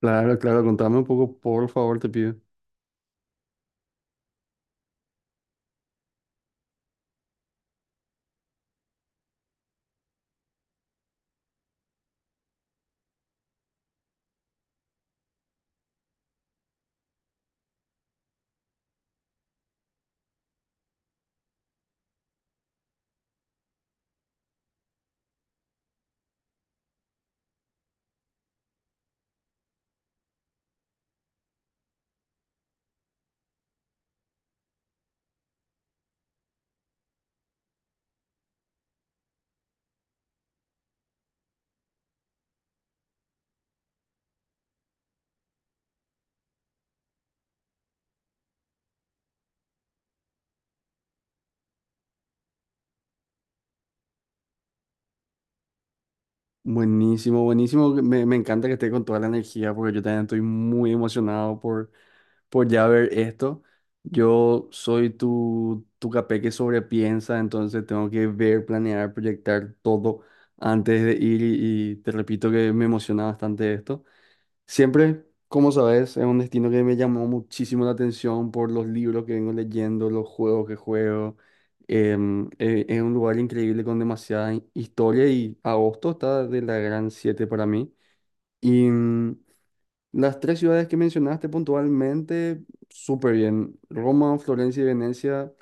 Claro, claro, contame un poco, por favor, te pido. Buenísimo, buenísimo. Me encanta que esté con toda la energía porque yo también estoy muy emocionado por ya ver esto. Yo soy tu capé que sobrepiensa, entonces tengo que ver, planear, proyectar todo antes de ir y te repito que me emociona bastante esto. Siempre, como sabes, es un destino que me llamó muchísimo la atención por los libros que vengo leyendo, los juegos que juego. Es un lugar increíble con demasiada historia y agosto está de la gran siete para mí. Y las tres ciudades que mencionaste puntualmente, súper bien. Roma, Florencia y Venecia,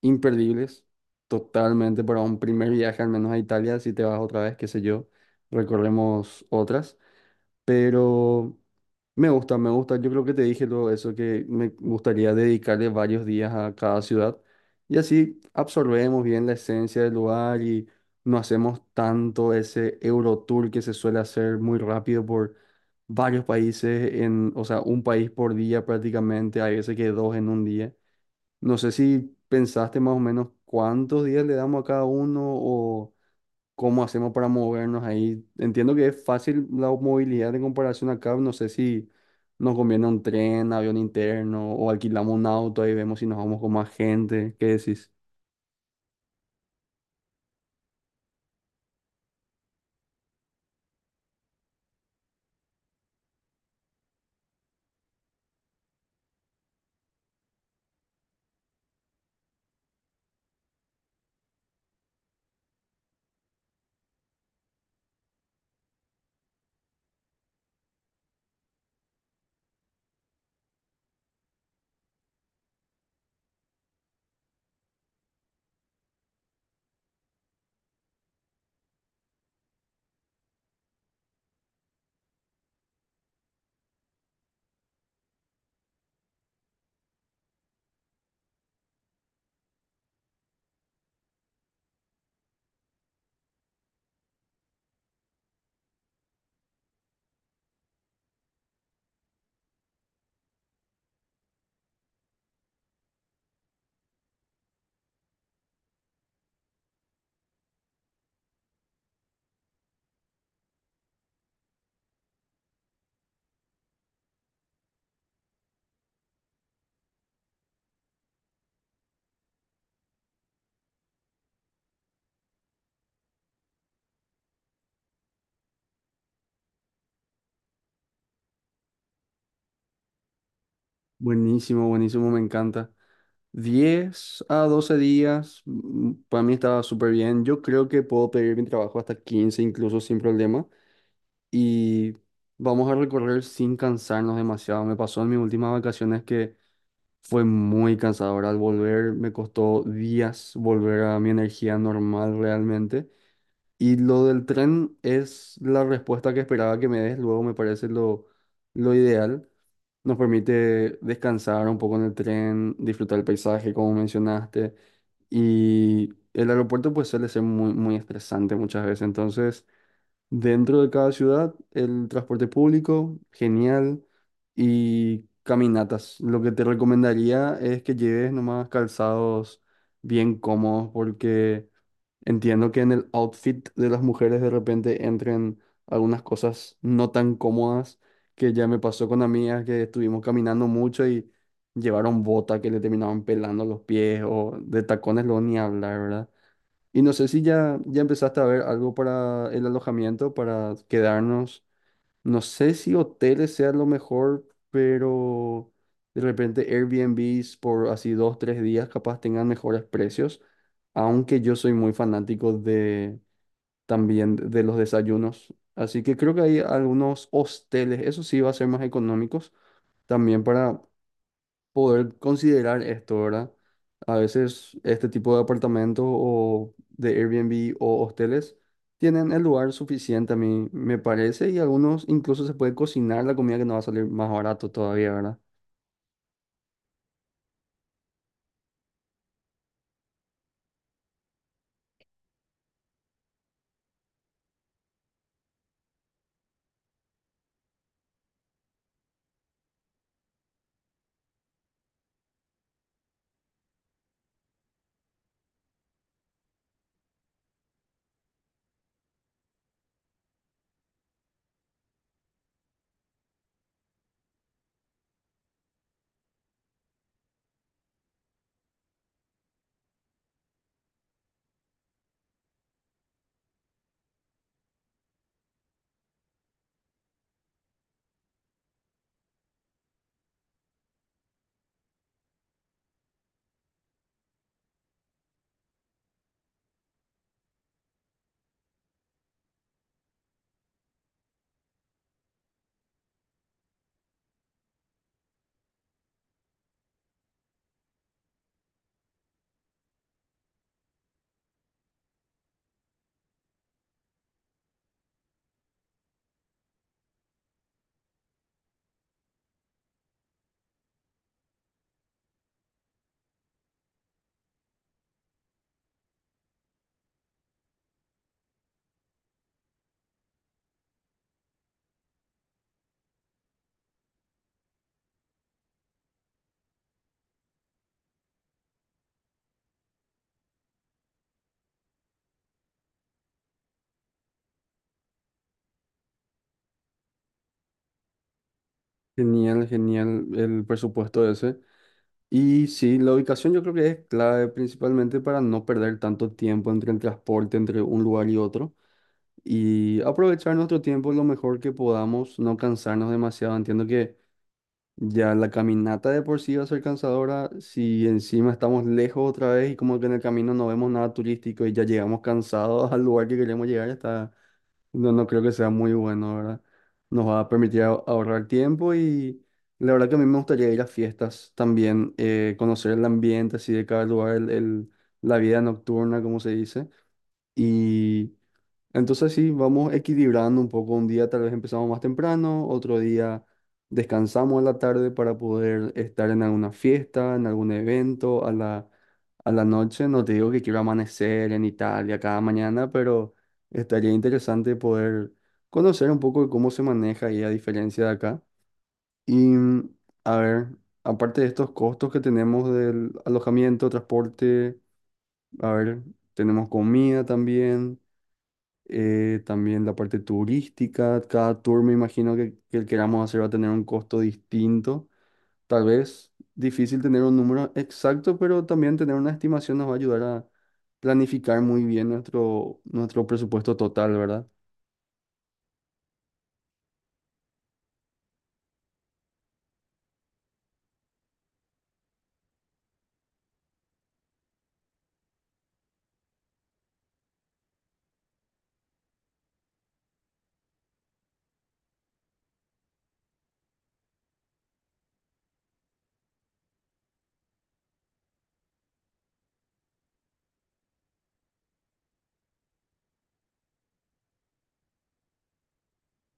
imperdibles. Totalmente para un primer viaje, al menos a Italia, si te vas otra vez, qué sé yo, recorremos otras. Pero… Me gusta, me gusta. Yo creo que te dije todo eso, que me gustaría dedicarle varios días a cada ciudad y así absorbemos bien la esencia del lugar y no hacemos tanto ese Eurotour que se suele hacer muy rápido por varios países, en, o sea, un país por día prácticamente, hay veces que dos en un día. No sé si pensaste más o menos cuántos días le damos a cada uno. ¿Cómo hacemos para movernos ahí? Entiendo que es fácil la movilidad en comparación acá. No sé si nos conviene un tren, avión interno o alquilamos un auto. Ahí vemos si nos vamos con más gente. ¿Qué decís? Buenísimo, buenísimo, me encanta. 10 a 12 días, para mí estaba súper bien. Yo creo que puedo pedir mi trabajo hasta 15 incluso sin problema. Y vamos a recorrer sin cansarnos demasiado. Me pasó en mis últimas vacaciones que fue muy cansador al volver, me costó días volver a mi energía normal realmente. Y lo del tren es la respuesta que esperaba que me des, luego me parece lo ideal. Nos permite descansar un poco en el tren, disfrutar el paisaje, como mencionaste. Y el aeropuerto pues suele ser muy estresante muchas veces, entonces… Dentro de cada ciudad, el transporte público, genial, y caminatas. Lo que te recomendaría es que lleves nomás calzados bien cómodos, porque entiendo que en el outfit de las mujeres de repente entren algunas cosas no tan cómodas, que ya me pasó con amigas que estuvimos caminando mucho y llevaron bota que le terminaban pelando los pies, o de tacones luego ni hablar, ¿verdad? Y no sé si ya empezaste a ver algo para el alojamiento, para quedarnos. No sé si hoteles sea lo mejor, pero de repente Airbnbs por así dos, tres días capaz tengan mejores precios. Aunque yo soy muy fanático de también de los desayunos. Así que creo que hay algunos hosteles, eso sí va a ser más económicos, también para poder considerar esto, ¿verdad? A veces este tipo de apartamentos o de Airbnb o hosteles tienen el lugar suficiente, a mí me parece, y algunos incluso se puede cocinar la comida que nos va a salir más barato todavía, ¿verdad? Genial, genial el presupuesto ese. Y sí, la ubicación yo creo que es clave principalmente para no perder tanto tiempo entre el transporte, entre un lugar y otro, y aprovechar nuestro tiempo lo mejor que podamos, no cansarnos demasiado. Entiendo que… Ya la caminata de por sí va a ser cansadora si encima estamos lejos otra vez y como que en el camino no vemos nada turístico y ya llegamos cansados al lugar que queremos llegar, está, no creo que sea muy bueno, ¿verdad? Nos va a permitir ahorrar tiempo y la verdad que a mí me gustaría ir a fiestas también, conocer el ambiente así de cada lugar, la vida nocturna, como se dice. Entonces sí, vamos equilibrando un poco. Un día tal vez empezamos más temprano, otro día descansamos a la tarde para poder estar en alguna fiesta, en algún evento, a la noche. No te digo que quiero amanecer en Italia cada mañana, pero estaría interesante poder conocer un poco de cómo se maneja ahí a diferencia de acá. Y a ver, aparte de estos costos que tenemos del alojamiento, transporte, a ver, tenemos comida también también la parte turística, cada tour me imagino que el queramos hacer va a tener un costo distinto, tal vez difícil tener un número exacto, pero también tener una estimación nos va a ayudar a planificar muy bien nuestro presupuesto total, ¿verdad?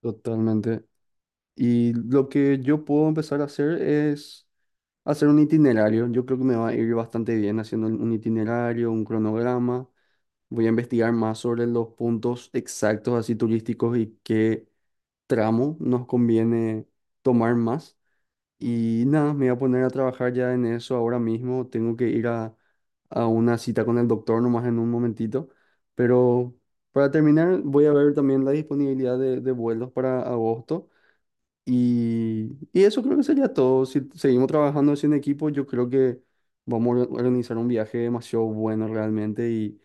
Totalmente. Y lo que yo puedo empezar a hacer es hacer un itinerario. Yo creo que me va a ir bastante bien haciendo un itinerario, un cronograma. Voy a investigar más sobre los puntos exactos así turísticos y qué tramo nos conviene tomar más. Y nada, me voy a poner a trabajar ya en eso ahora mismo. Tengo que ir a una cita con el doctor nomás en un momentito. Pero para terminar, voy a ver también la disponibilidad de vuelos para agosto. Y eso creo que sería todo. Si seguimos trabajando así en equipo, yo creo que vamos a organizar un viaje demasiado bueno realmente. Y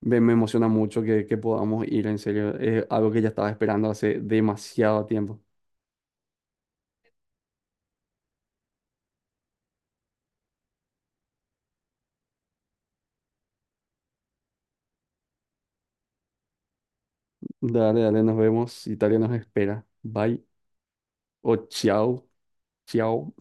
me emociona mucho que podamos ir, en serio. Es algo que ya estaba esperando hace demasiado tiempo. Dale, dale, nos vemos. Italia nos espera. Bye o chao, chao.